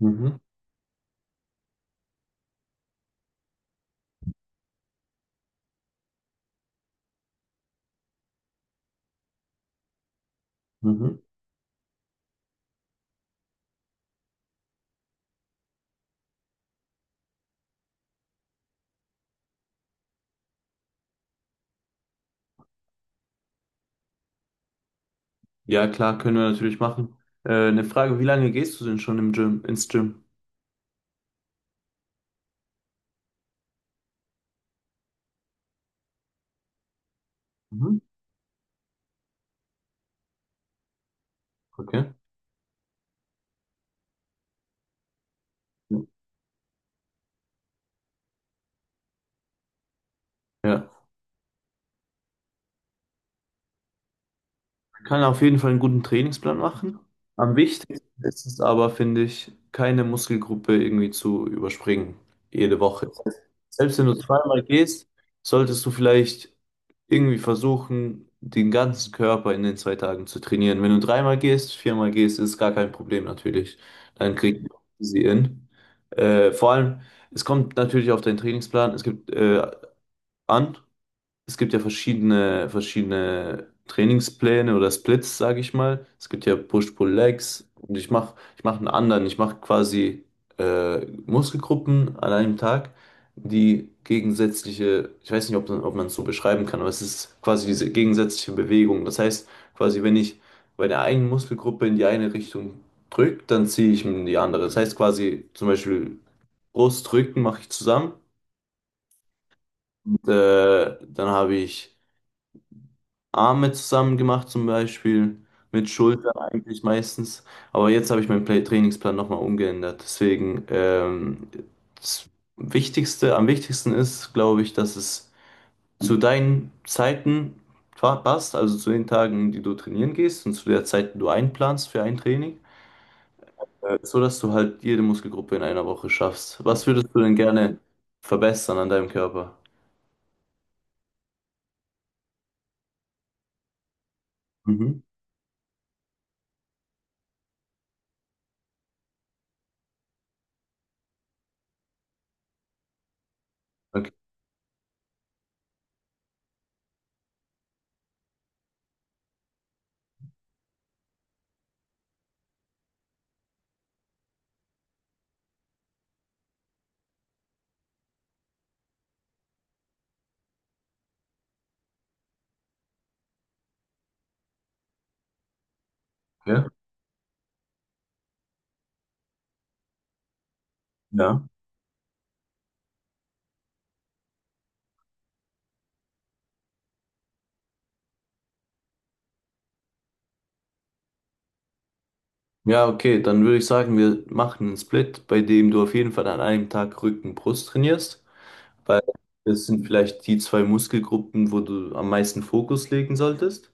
Mhm, mhm. Ja, klar, können wir natürlich machen. Eine Frage, wie lange gehst du denn schon ins Gym? Mhm. Okay. Ja. Man kann auf jeden Fall einen guten Trainingsplan machen. Am wichtigsten ist es aber, finde ich, keine Muskelgruppe irgendwie zu überspringen. Jede Woche. Selbst wenn du zweimal gehst, solltest du vielleicht irgendwie versuchen, den ganzen Körper in den 2 Tagen zu trainieren. Wenn du dreimal gehst, viermal gehst, ist gar kein Problem natürlich. Dann kriegst du sie in. Vor allem, es kommt natürlich auf deinen Trainingsplan, es gibt an. Es gibt ja verschiedene Trainingspläne oder Splits, sage ich mal. Es gibt ja Push-Pull-Legs und ich mach einen anderen. Ich mache quasi Muskelgruppen an einem Tag, die gegensätzliche, ich weiß nicht, ob man es so beschreiben kann, aber es ist quasi diese gegensätzliche Bewegung. Das heißt, quasi, wenn ich bei der einen Muskelgruppe in die eine Richtung drücke, dann ziehe ich in die andere. Das heißt quasi zum Beispiel Brust, Rücken mache ich zusammen. Und dann habe ich Arme zusammen gemacht, zum Beispiel, mit Schultern eigentlich meistens. Aber jetzt habe ich meinen Play Trainingsplan nochmal umgeändert. Deswegen, das am wichtigsten ist, glaube ich, dass es zu deinen Zeiten passt, also zu den Tagen, die du trainieren gehst und zu der Zeit, die du einplanst für ein Training, so dass du halt jede Muskelgruppe in einer Woche schaffst. Was würdest du denn gerne verbessern an deinem Körper? Mhm. Okay. Ja. Ja. Ja, okay, dann würde ich sagen, wir machen einen Split, bei dem du auf jeden Fall an einem Tag Rücken, Brust trainierst, weil das sind vielleicht die zwei Muskelgruppen, wo du am meisten Fokus legen solltest.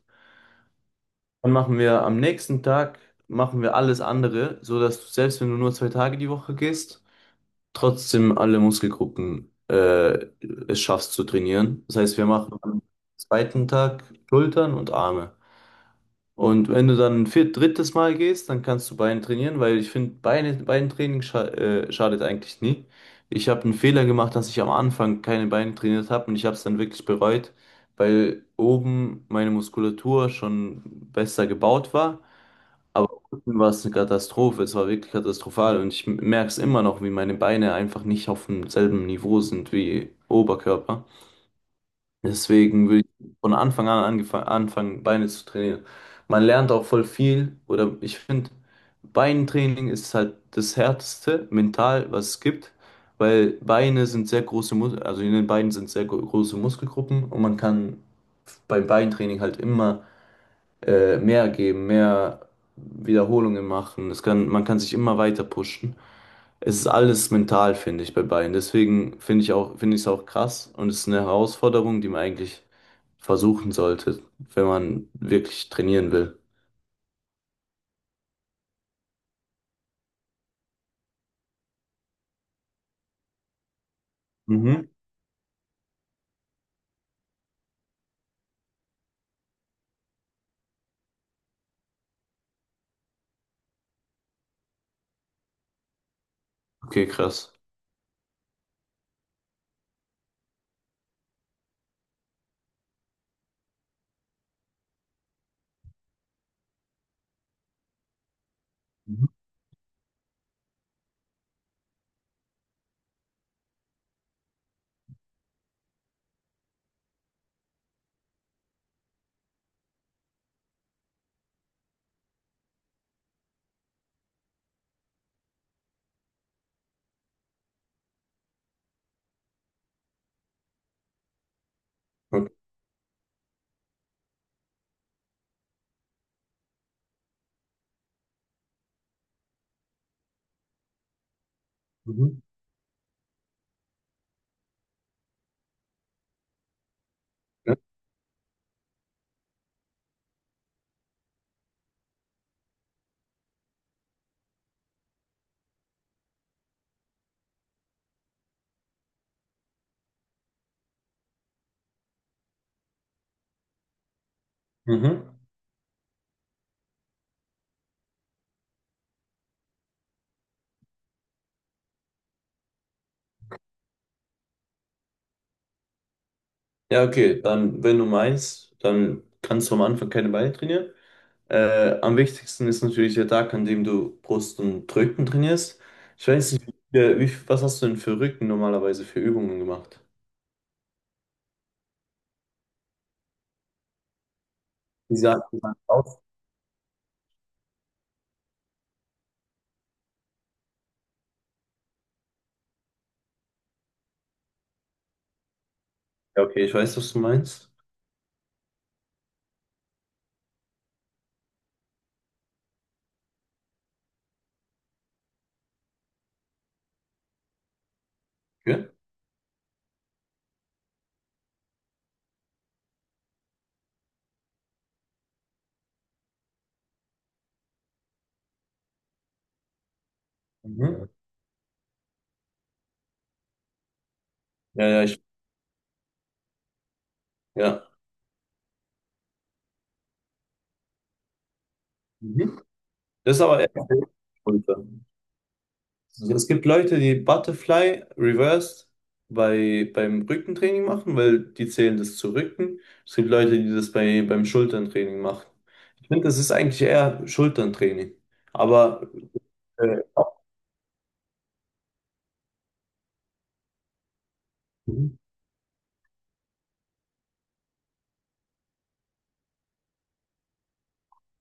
Dann machen wir am nächsten Tag, machen wir alles andere, so dass du selbst wenn du nur 2 Tage die Woche gehst, trotzdem alle Muskelgruppen es schaffst zu trainieren. Das heißt, wir machen am zweiten Tag Schultern und Arme. Und wenn du dann ein drittes Mal gehst, dann kannst du Beine trainieren, weil ich finde, Beintraining schadet eigentlich nie. Ich habe einen Fehler gemacht, dass ich am Anfang keine Beine trainiert habe und ich habe es dann wirklich bereut, weil oben meine Muskulatur schon besser gebaut war, aber unten war es eine Katastrophe, es war wirklich katastrophal und ich merke es immer noch, wie meine Beine einfach nicht auf demselben Niveau sind wie Oberkörper. Deswegen will ich von Anfang an anfangen, Beine zu trainieren. Man lernt auch voll viel oder ich finde, Beintraining ist halt das Härteste mental, was es gibt, weil Beine sind sehr große Mus also in den Beinen sind sehr große Muskelgruppen und man kann beim Beintraining halt immer mehr geben, mehr Wiederholungen machen. Man kann sich immer weiter pushen. Es ist alles mental, finde ich, bei beiden. Deswegen finde ich es auch krass und es ist eine Herausforderung, die man eigentlich versuchen sollte, wenn man wirklich trainieren will. Mhm. Okay, krass. Mhm. Okay. Mhm. Ja, mhm. Ja, okay, dann, wenn du meinst, dann kannst du am Anfang keine Beine trainieren. Am wichtigsten ist natürlich der Tag, an dem du Brust und Rücken trainierst. Ich weiß nicht, was hast du denn für Rücken normalerweise für Übungen gemacht? Wie sah aus? Ja, okay, ich weiß, was du meinst. Okay. Mhm. Ja. Ja, ja, ich, ja. Mhm. Das ist aber eher Schulter. Also es gibt Leute, die Butterfly Reversed beim Rückentraining machen, weil die zählen das zu Rücken. Es gibt Leute, die das beim Schulterntraining machen. Ich finde, das ist eigentlich eher Schulterntraining. Aber Äh, mhm.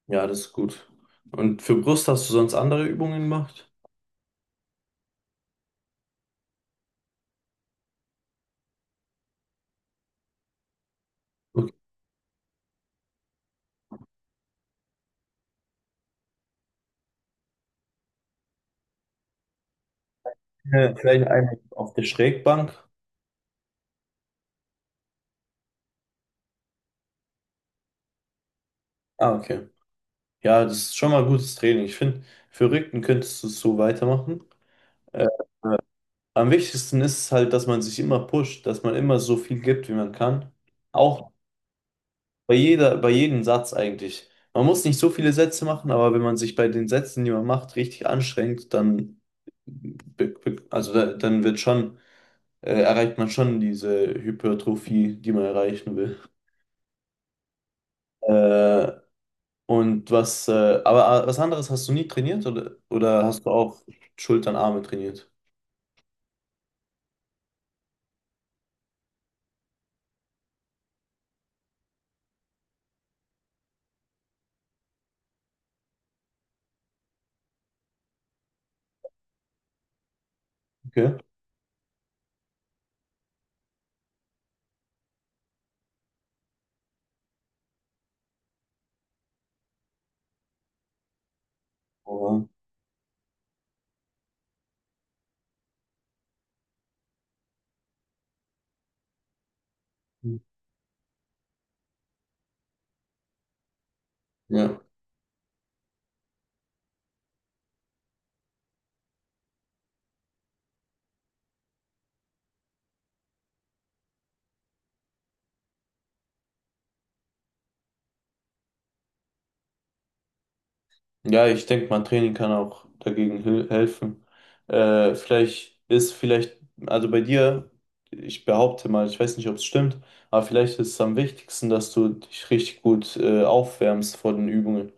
Ja, das ist gut. Und für Brust hast du sonst andere Übungen gemacht? Okay, vielleicht eine auf der Schrägbank. Ah, okay. Ja, das ist schon mal gutes Training. Ich finde, für Rücken könntest du es so weitermachen. Äh, äh, am wichtigsten ist es halt, dass man sich immer pusht, dass man immer so viel gibt, wie man kann. Auch bei jedem Satz eigentlich. Man muss nicht so viele Sätze machen, aber wenn man sich bei den Sätzen, die man macht, richtig anstrengt, dann, be- be- also da- dann wird schon erreicht man schon diese Hypertrophie, die man erreichen will. Äh, und was, äh, was anderes hast du nie trainiert oder hast du auch Schultern, Arme trainiert? Okay. Aber, ja. Ja, ich denke, mein Training kann auch dagegen helfen. Äh, vielleicht ist vielleicht, also bei dir, ich behaupte mal, ich weiß nicht, ob es stimmt, aber vielleicht ist es am wichtigsten, dass du dich richtig gut aufwärmst vor den Übungen.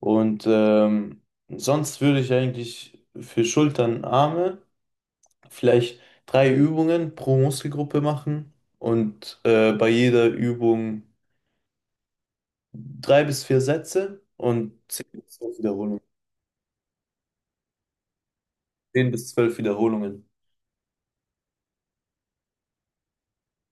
Und sonst würde ich eigentlich für Schultern, Arme vielleicht drei Übungen pro Muskelgruppe machen und bei jeder Übung drei bis vier Sätze und 10 bis 12 Wiederholungen. 10 bis 12 Wiederholungen.